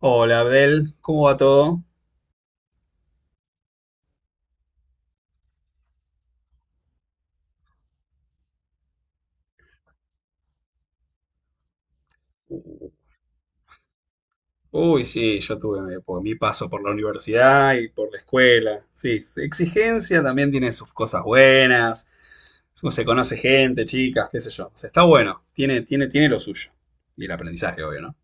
Hola Abdel, ¿cómo va todo? Uy, sí, yo tuve mi paso por la universidad y por la escuela. Sí, sí, exigencia también tiene sus cosas buenas. Se conoce gente, chicas, qué sé yo. O sea, está bueno, tiene lo suyo. Y el aprendizaje, obvio, ¿no?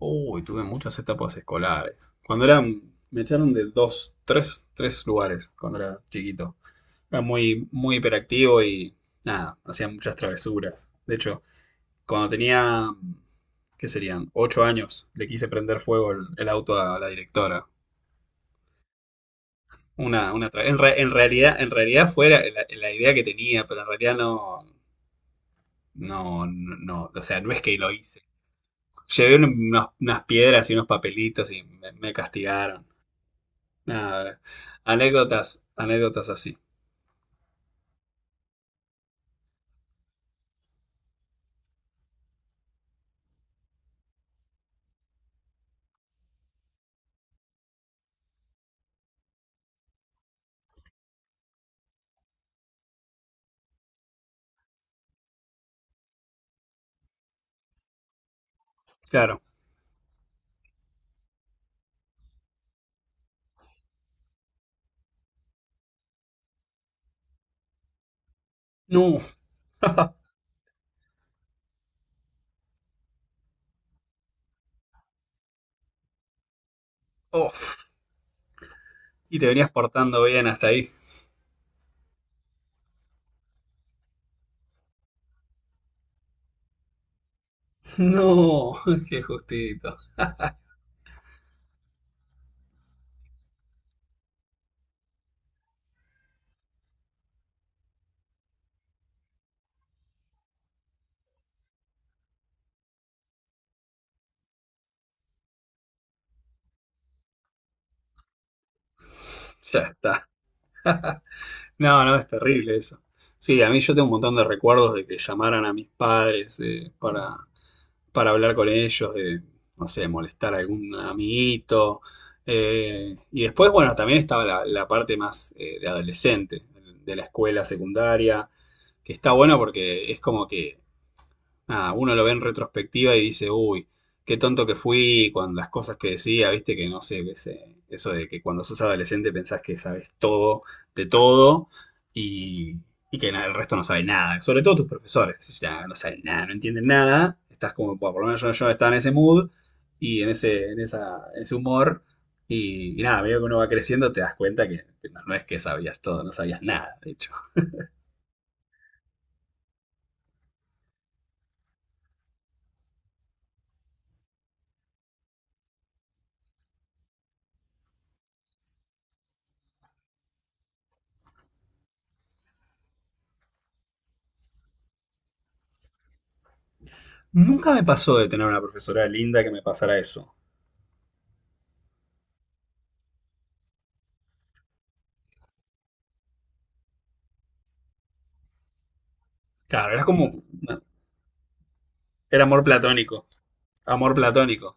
Uy, tuve muchas etapas escolares. Cuando era, me echaron de dos, tres lugares cuando era chiquito. Era muy hiperactivo y nada, hacía muchas travesuras. De hecho, cuando tenía, ¿qué serían? 8 años, le quise prender fuego el auto a la directora. Una tra- en, re- En realidad, en realidad fue la idea que tenía, pero en realidad no, no, o sea, no es que lo hice. Unas piedras y unos papelitos y me castigaron. Nada, anécdotas así. Claro. No, oh, y te venías portando bien hasta ahí. No, qué justito. Ya está. No, no, es terrible eso. Sí, a mí yo tengo un montón de recuerdos de que llamaran a mis padres para hablar con ellos, de, no sé, molestar a algún amiguito. Y después, bueno, también estaba la parte más de adolescente, de la escuela secundaria, que está bueno porque es como que nada, uno lo ve en retrospectiva y dice, uy, qué tonto que fui con las cosas que decía, viste que no sé, eso de que cuando sos adolescente pensás que sabes todo de todo y, y que na- el resto no sabe nada, sobre todo tus profesores, ya no saben nada, no entienden nada, estás como, bueno, por lo menos yo, yo estaba en ese mood y en ese, ese humor. Y nada, a medida que uno va creciendo te das cuenta que no, no es que sabías todo, no sabías nada, de hecho. Nunca me pasó de tener una profesora linda que me pasara eso. Claro, era como. Era amor platónico. Amor platónico.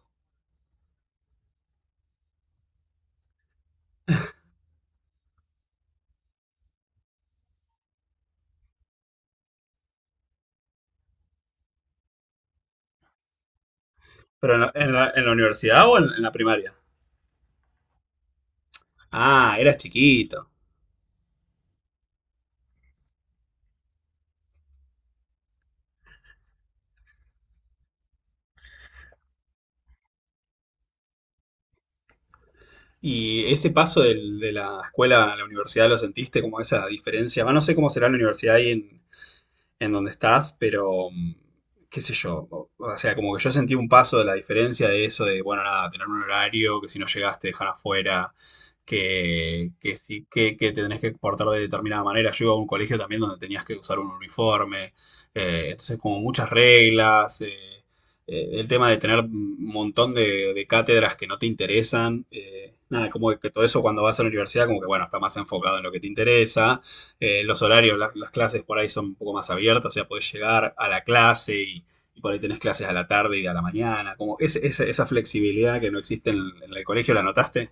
Pero en la, en la universidad o en la primaria. Ah, eras chiquito. Y ese paso de la escuela a la universidad lo sentiste como esa diferencia. Va, no sé cómo será la universidad ahí en donde estás, pero mm, qué sé yo, o sea, como que yo sentí un paso de la diferencia de eso de, bueno, nada, tener un horario, que si no llegaste te dejan afuera, que sí, que te tenés que portar de determinada manera. Yo iba a un colegio también donde tenías que usar un uniforme, entonces como muchas reglas, el tema de tener un montón de cátedras que no te interesan, nada, como que todo eso cuando vas a la universidad, como que bueno, está más enfocado en lo que te interesa los horarios, las clases por ahí son un poco más abiertas, o sea, podés llegar a la clase y por ahí tenés clases a la tarde y a la mañana. Como esa flexibilidad que no existe en, en el colegio, ¿la notaste?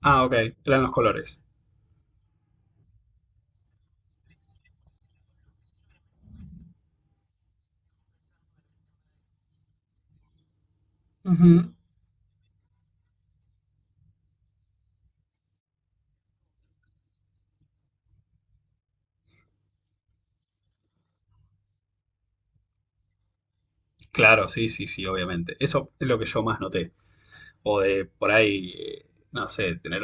Ah, ok, eran los colores. Ujú. Claro, sí, sí, sí, obviamente. Eso es lo que yo más noté. O de por ahí, no sé, tener.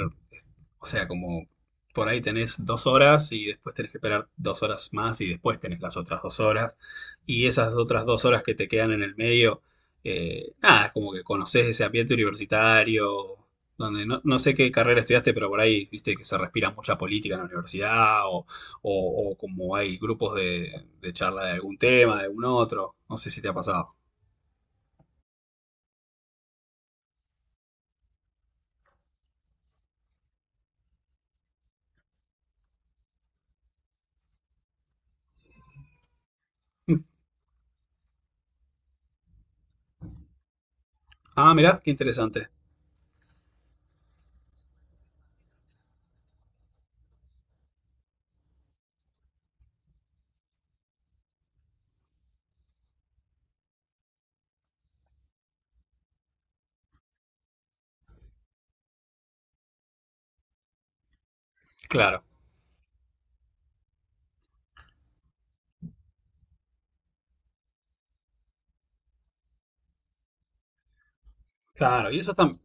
O sea, como por ahí tenés dos horas y después tenés que esperar dos horas más y después tenés las otras dos horas. Y esas otras dos horas que te quedan en el medio, nada, es como que conoces ese ambiente universitario, donde no, no sé qué carrera estudiaste, pero por ahí viste que se respira mucha política en la universidad o, o como hay grupos de charla de algún tema, de algún otro. No sé si te ha pasado. Ah, mirá, qué interesante. Claro, claro. Y eso está.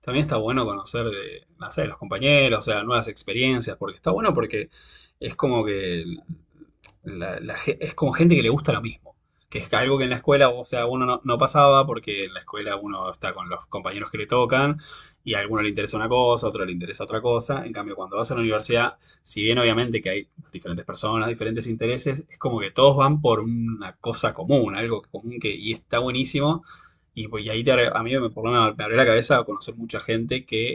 También está bueno conocer, no sé, los compañeros, o sea, nuevas experiencias, porque está bueno porque es como que es como gente que le gusta lo mismo, que es algo que en la escuela, o sea, uno no, no pasaba porque en la escuela uno está con los compañeros que le tocan y a alguno le interesa una cosa, a otro le interesa otra cosa. En cambio, cuando vas a la universidad, si bien obviamente que hay diferentes personas, diferentes intereses, es como que todos van por una cosa común, algo común que y está buenísimo y, pues, y ahí a mí me, por lo menos me abrió la cabeza a conocer mucha gente que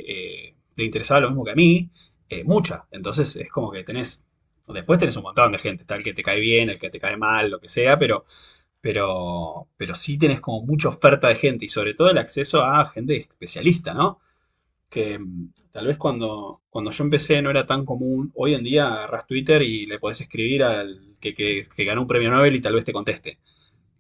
le interesaba lo mismo que a mí, mucha. Entonces es como que tenés, después tenés un montón de gente, tal que te cae bien, el que te cae mal, lo que sea, pero, pero sí tenés como mucha oferta de gente y sobre todo el acceso a gente especialista, ¿no? Que mm, tal vez cuando, cuando yo empecé no era tan común. Hoy en día agarrás Twitter y le podés escribir al que, que ganó un premio Nobel y tal vez te conteste,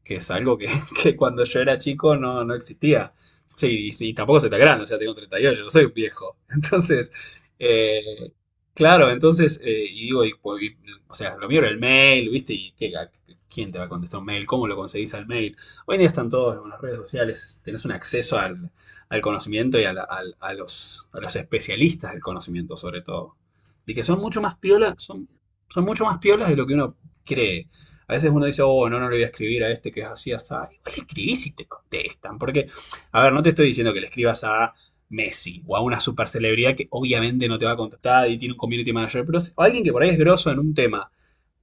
que es algo que, que cuando yo era chico no, no existía. Sí, y tampoco se está grande, o sea, tengo 38, no soy un viejo. Entonces, eh, claro, entonces, y digo, y, pues, y, o sea, lo mío era el mail, ¿viste? ¿Y qué, quién te va a contestar un mail? ¿Cómo lo conseguís al mail? Hoy en día están todos en las redes sociales, tenés un acceso al conocimiento y a, a los especialistas del conocimiento, sobre todo. Y que son mucho más piolas, son, son mucho más piolas de lo que uno cree. A veces uno dice, oh, no, no le voy a escribir a este que es así, así. Igual le escribís y te contestan. Porque, a ver, no te estoy diciendo que le escribas a Messi o a una super celebridad que obviamente no te va a contestar y tiene un community manager, pero a alguien que por ahí es grosso en un tema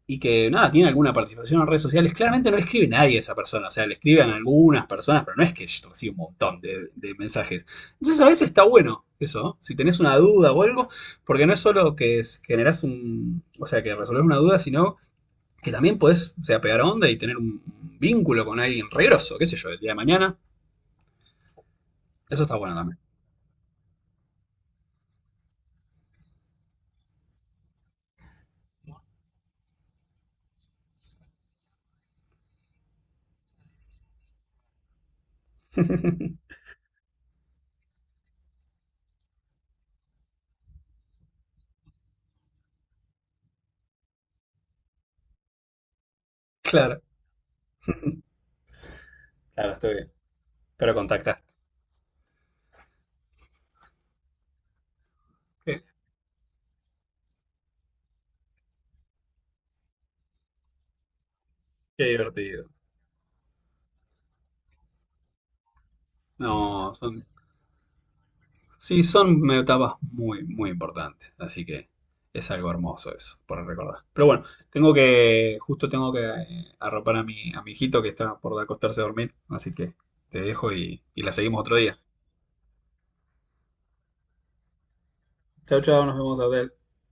y que nada, tiene alguna participación en redes sociales, claramente no le escribe nadie a esa persona, o sea, le escriben algunas personas, pero no es que recibe un montón de mensajes. Entonces a veces está bueno eso, ¿no? Si tenés una duda o algo, porque no es solo que generás un, o sea, que resolvés una duda, sino que también podés, o sea, pegar onda y tener un vínculo con alguien regroso, qué sé yo, el día de mañana. Eso está bueno también. Claro, claro, estoy bien. Pero contactaste. Qué, qué divertido. No, son, sí, son etapas muy importantes. Así que es algo hermoso eso, por recordar. Pero bueno, tengo que, justo tengo que arropar a mi hijito que está por acostarse a dormir. Así que te dejo y la seguimos otro día. Chao, chao, nos vemos, Abdel.